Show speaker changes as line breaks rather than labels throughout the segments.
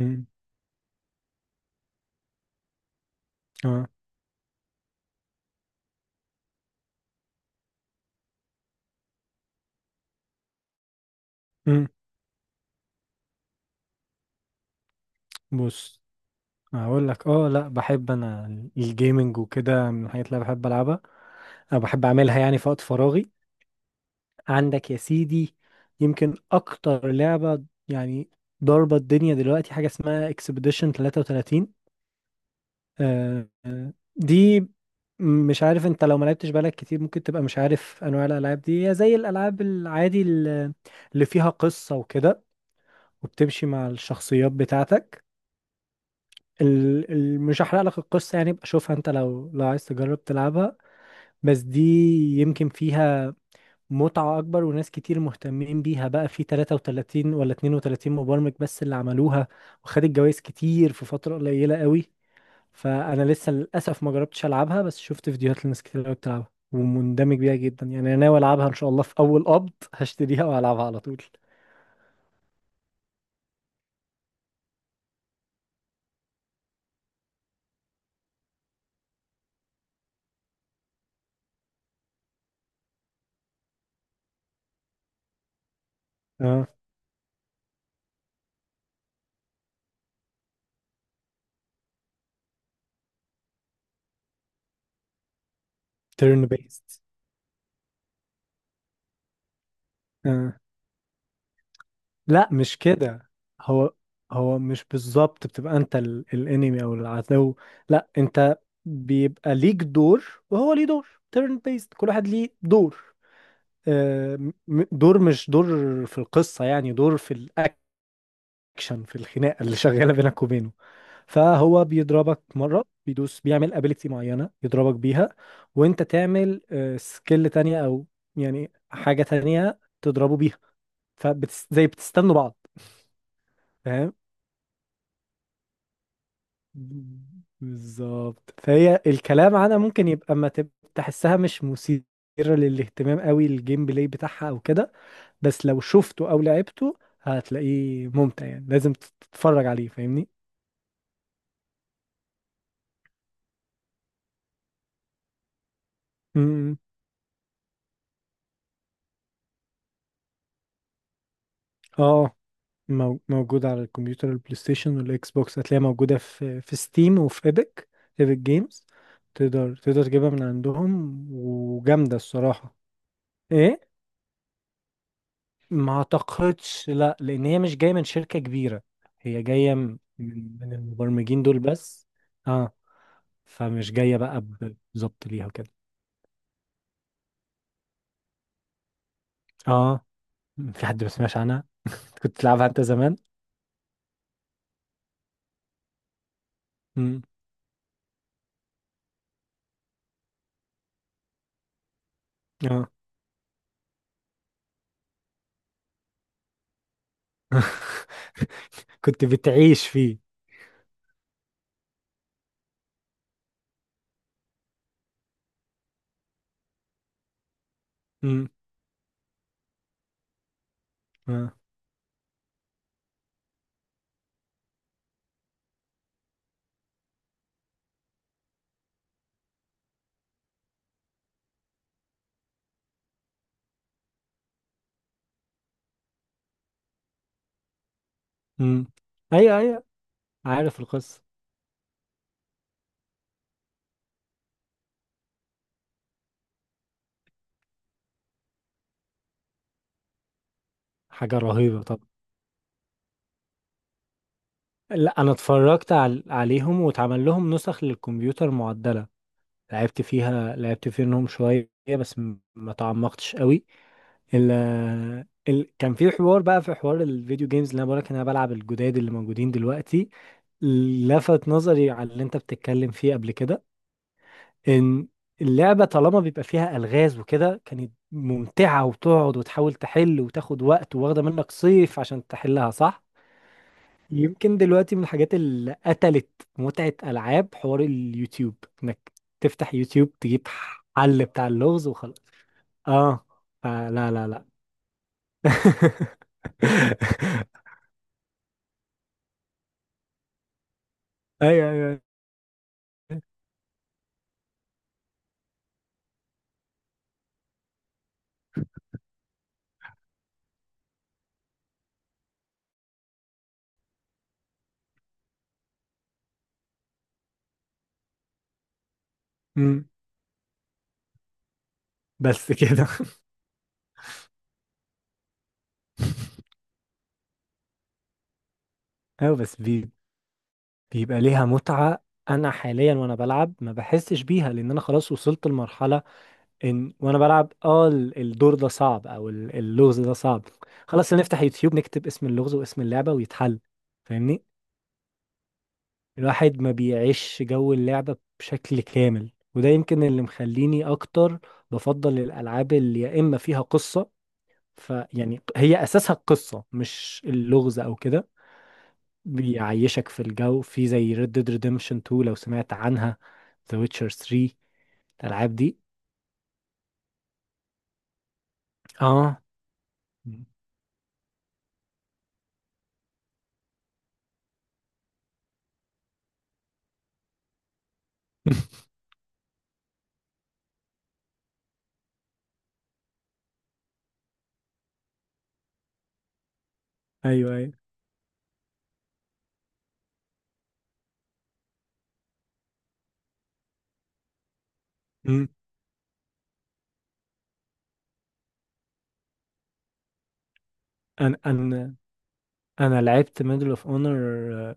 مم. اه مم. بص، هقول لك. اه لا، بحب انا الجيمنج وكده، من الحاجات اللي أنا بحب العبها. انا بحب اعملها يعني في وقت فراغي. عندك يا سيدي، يمكن اكتر لعبة يعني ضاربة الدنيا دلوقتي حاجة اسمها اكسبيديشن 33. دي مش عارف انت لو ما لعبتش بالك كتير ممكن تبقى مش عارف انواع الالعاب دي، هي زي الالعاب العادي اللي فيها قصة وكده، وبتمشي مع الشخصيات بتاعتك. مش هحرق لك القصة يعني، بقى شوفها انت لو عايز تجرب تلعبها. بس دي يمكن فيها متعة أكبر، وناس كتير مهتمين بيها بقى. في 33 ولا 32 مبرمج بس اللي عملوها، وخدت جوائز كتير في فترة قليلة قوي. فأنا لسه للأسف ما جربتش ألعبها، بس شفت فيديوهات لناس كتير قوي بتلعبها ومندمج بيها جدا. يعني أنا ناوي ألعبها إن شاء الله، في أول قبض هشتريها وهلعبها على طول. اه، تيرن بيست. لا مش كده. هو هو مش بالظبط بتبقى انت الانمي او العدو. لا انت بيبقى ليك دور، وهو ليه دور تيرن بيست، كل واحد ليه دور. آه، دور مش دور في القصة يعني، دور في الاكشن، في الخناقة اللي شغالة بينك وبينه. فهو بيضربك مرة، بيدوس بيعمل ابيليتي معينة يضربك بيها، وانت تعمل سكيل تانية، او يعني حاجة تانية تضربه بيها، فزي بتستنوا بعض. فاهم. بالظبط. فهي الكلام عنها ممكن يبقى ما تب- تحسها مش مثيرة للاهتمام قوي، الجيم بلاي بتاعها او كده. بس لو شفته او لعبته هتلاقيه ممتع يعني، لازم تتفرج عليه فاهمني. امم. اه. موجود على الكمبيوتر، البلاي ستيشن والاكس بوكس. هتلاقيها موجودة في ستيم وفي ايبك، ايبك جيمز. تقدر تجيبها من عندهم، وجامدة الصراحة. ايه، ما اعتقدش، لا، لان هي مش جايه من شركه كبيره، هي جايه من، من المبرمجين دول بس. اه. فمش جايه بقى بالظبط ليها وكده. اه. في حد ما سمعش عنها. كنت تلعبها انت زمان. امم. اه. كنت بتعيش فيه. امم. اه. امم. ايوه، ايوه، عارف القصه. حاجه رهيبه طبعا. لا انا اتفرجت عليهم، واتعمل لهم نسخ للكمبيوتر معدله، لعبت فيها، لعبت فيهم شويه، بس ما تعمقتش قوي. ال ال كان في حوار، بقى في حوار الفيديو جيمز، اللي انا بقولك إن انا بلعب الجداد اللي موجودين دلوقتي، لفت نظري على اللي انت بتتكلم فيه قبل كده. ان اللعبة طالما بيبقى فيها ألغاز وكده، كانت ممتعة، وتقعد وتحاول تحل، وتاخد وقت، واخدة منك صيف عشان تحلها، صح؟ يمكن دلوقتي من الحاجات اللي قتلت متعة ألعاب، حوار اليوتيوب، انك تفتح يوتيوب، تجيب حل بتاع اللغز وخلاص. اه. فلا، لا. ايوه، ايوه. أمم، بس كده. ايوه، بيبقى ليها متعة. انا حاليا وانا بلعب ما بحسش بيها، لان انا خلاص وصلت لمرحلة ان وانا بلعب، اه، الدور ده صعب، او اللغز ده صعب، خلاص نفتح يوتيوب، نكتب اسم اللغز واسم اللعبة ويتحل، فاهمني. الواحد ما بيعيش جو اللعبة بشكل كامل، وده يمكن اللي مخليني اكتر بفضل الالعاب اللي يا اما فيها قصة، فيعني هي اساسها القصه مش اللغز او كده. بيعيشك في الجو، في زي Red Dead Redemption 2، لو سمعت عنها، The Witcher 3، الالعاب دي. اه. ايوه، ايوه. مم. انا انا لعبت ميدل اوف اونر،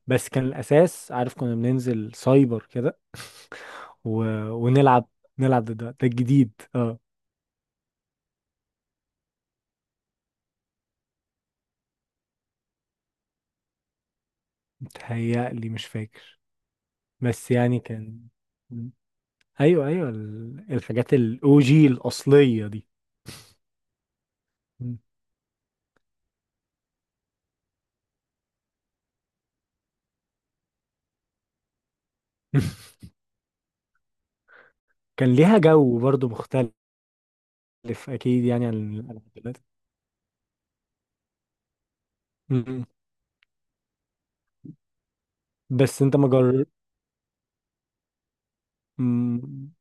بس كان الاساس عارف كنا بننزل سايبر كده. و... ونلعب نلعب ضد بعض. ده الجديد، اه. متهيألي مش فاكر. بس يعني كان، ايوه ايوه، الحاجات الاو جي الاصليه دي. مم. كان ليها جو برضو مختلف. اكيد يعني عن الألعاب دلوقتي. مم. بس انت ما جر... مم.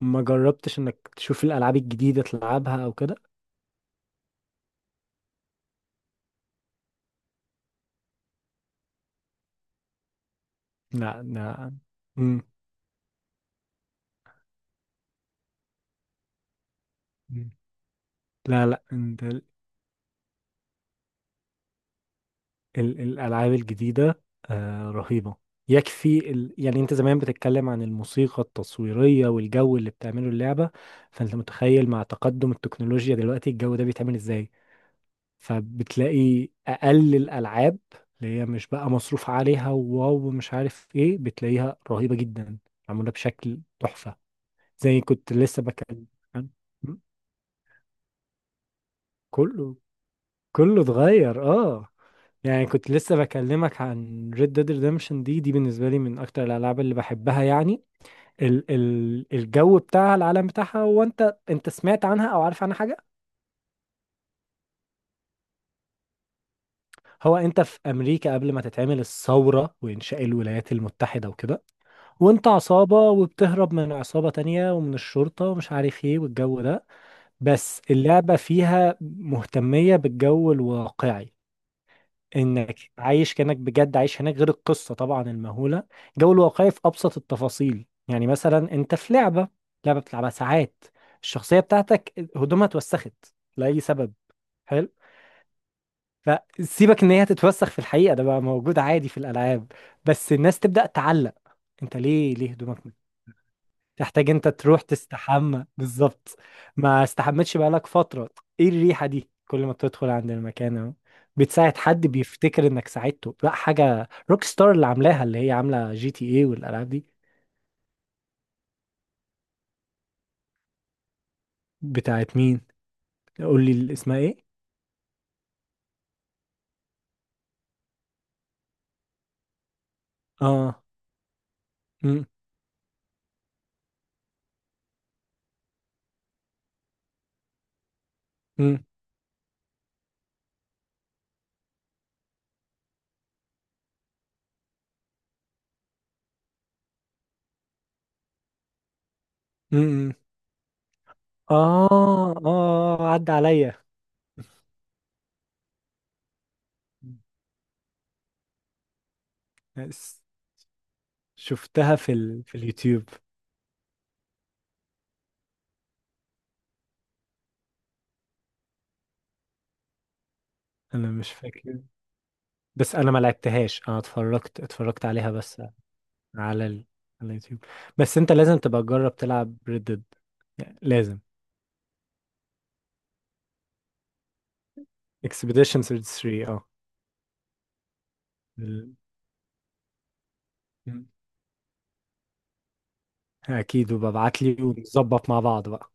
ما جربتش انك تشوف الالعاب الجديده، تلعبها او كده. لا. مم. مم. لا لا انت الالعاب الجديده آه رهيبه، يكفي يعني انت زمان بتتكلم عن الموسيقى التصويريه والجو اللي بتعمله اللعبه، فانت متخيل مع تقدم التكنولوجيا دلوقتي الجو ده بيتعمل ازاي. فبتلاقي اقل الالعاب اللي هي مش بقى مصروف عليها وواو مش عارف ايه بتلاقيها رهيبة جدا، معمولة بشكل تحفة. زي كنت لسه بكلم عن- م؟ كله كله اتغير، اه. يعني كنت لسه بكلمك عن Red Dead Redemption، دي بالنسبة لي من أكتر الألعاب اللي بحبها يعني. ال الجو بتاعها، العالم بتاعها، هو أنت سمعت عنها أو عارف عنها حاجة؟ هو أنت في أمريكا قبل ما تتعمل الثورة وإنشاء الولايات المتحدة وكده، وانت عصابة، وبتهرب من عصابة تانية ومن الشرطة ومش عارف ايه والجو ده. بس اللعبة فيها مهتمية بالجو الواقعي، انك عايش كأنك بجد عايش هناك، غير القصة طبعا المهولة. الجو الواقعي في ابسط التفاصيل، يعني مثلا انت في لعبة، بتلعبها ساعات، الشخصية بتاعتك هدومها اتوسخت لأي سبب، حلو. فسيبك ان هي تتوسخ في الحقيقة، ده بقى موجود عادي في الألعاب، بس الناس تبدأ تعلق، انت ليه هدومك، تحتاج انت تروح تستحمى بالظبط، ما استحمتش بقالك فترة، ايه الريحة دي، كل ما تدخل عند المكان اهو، بتساعد حد بيفتكر انك ساعدته. لا، حاجة روك ستار اللي عاملاها، اللي هي عاملة جي تي ايه والالعاب دي. بتاعت مين؟ قول لي اسمها ايه. اه. امم. امم. امم. اه، اه، عدى عليا. بس شفتها في اليوتيوب. انا مش فاكر، بس انا ما لعبتهاش، انا اتفرجت عليها بس. على ال... على اليوتيوب. بس انت لازم تبقى تجرب تلعب ريد ديد، يعني لازم. اكسبيديشن 33، اه. ال- مم. اكيد، وببعت لي ونظبط مع بعض بقى.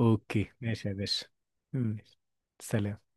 اوكي ماشي يا باشا. مم. سلام.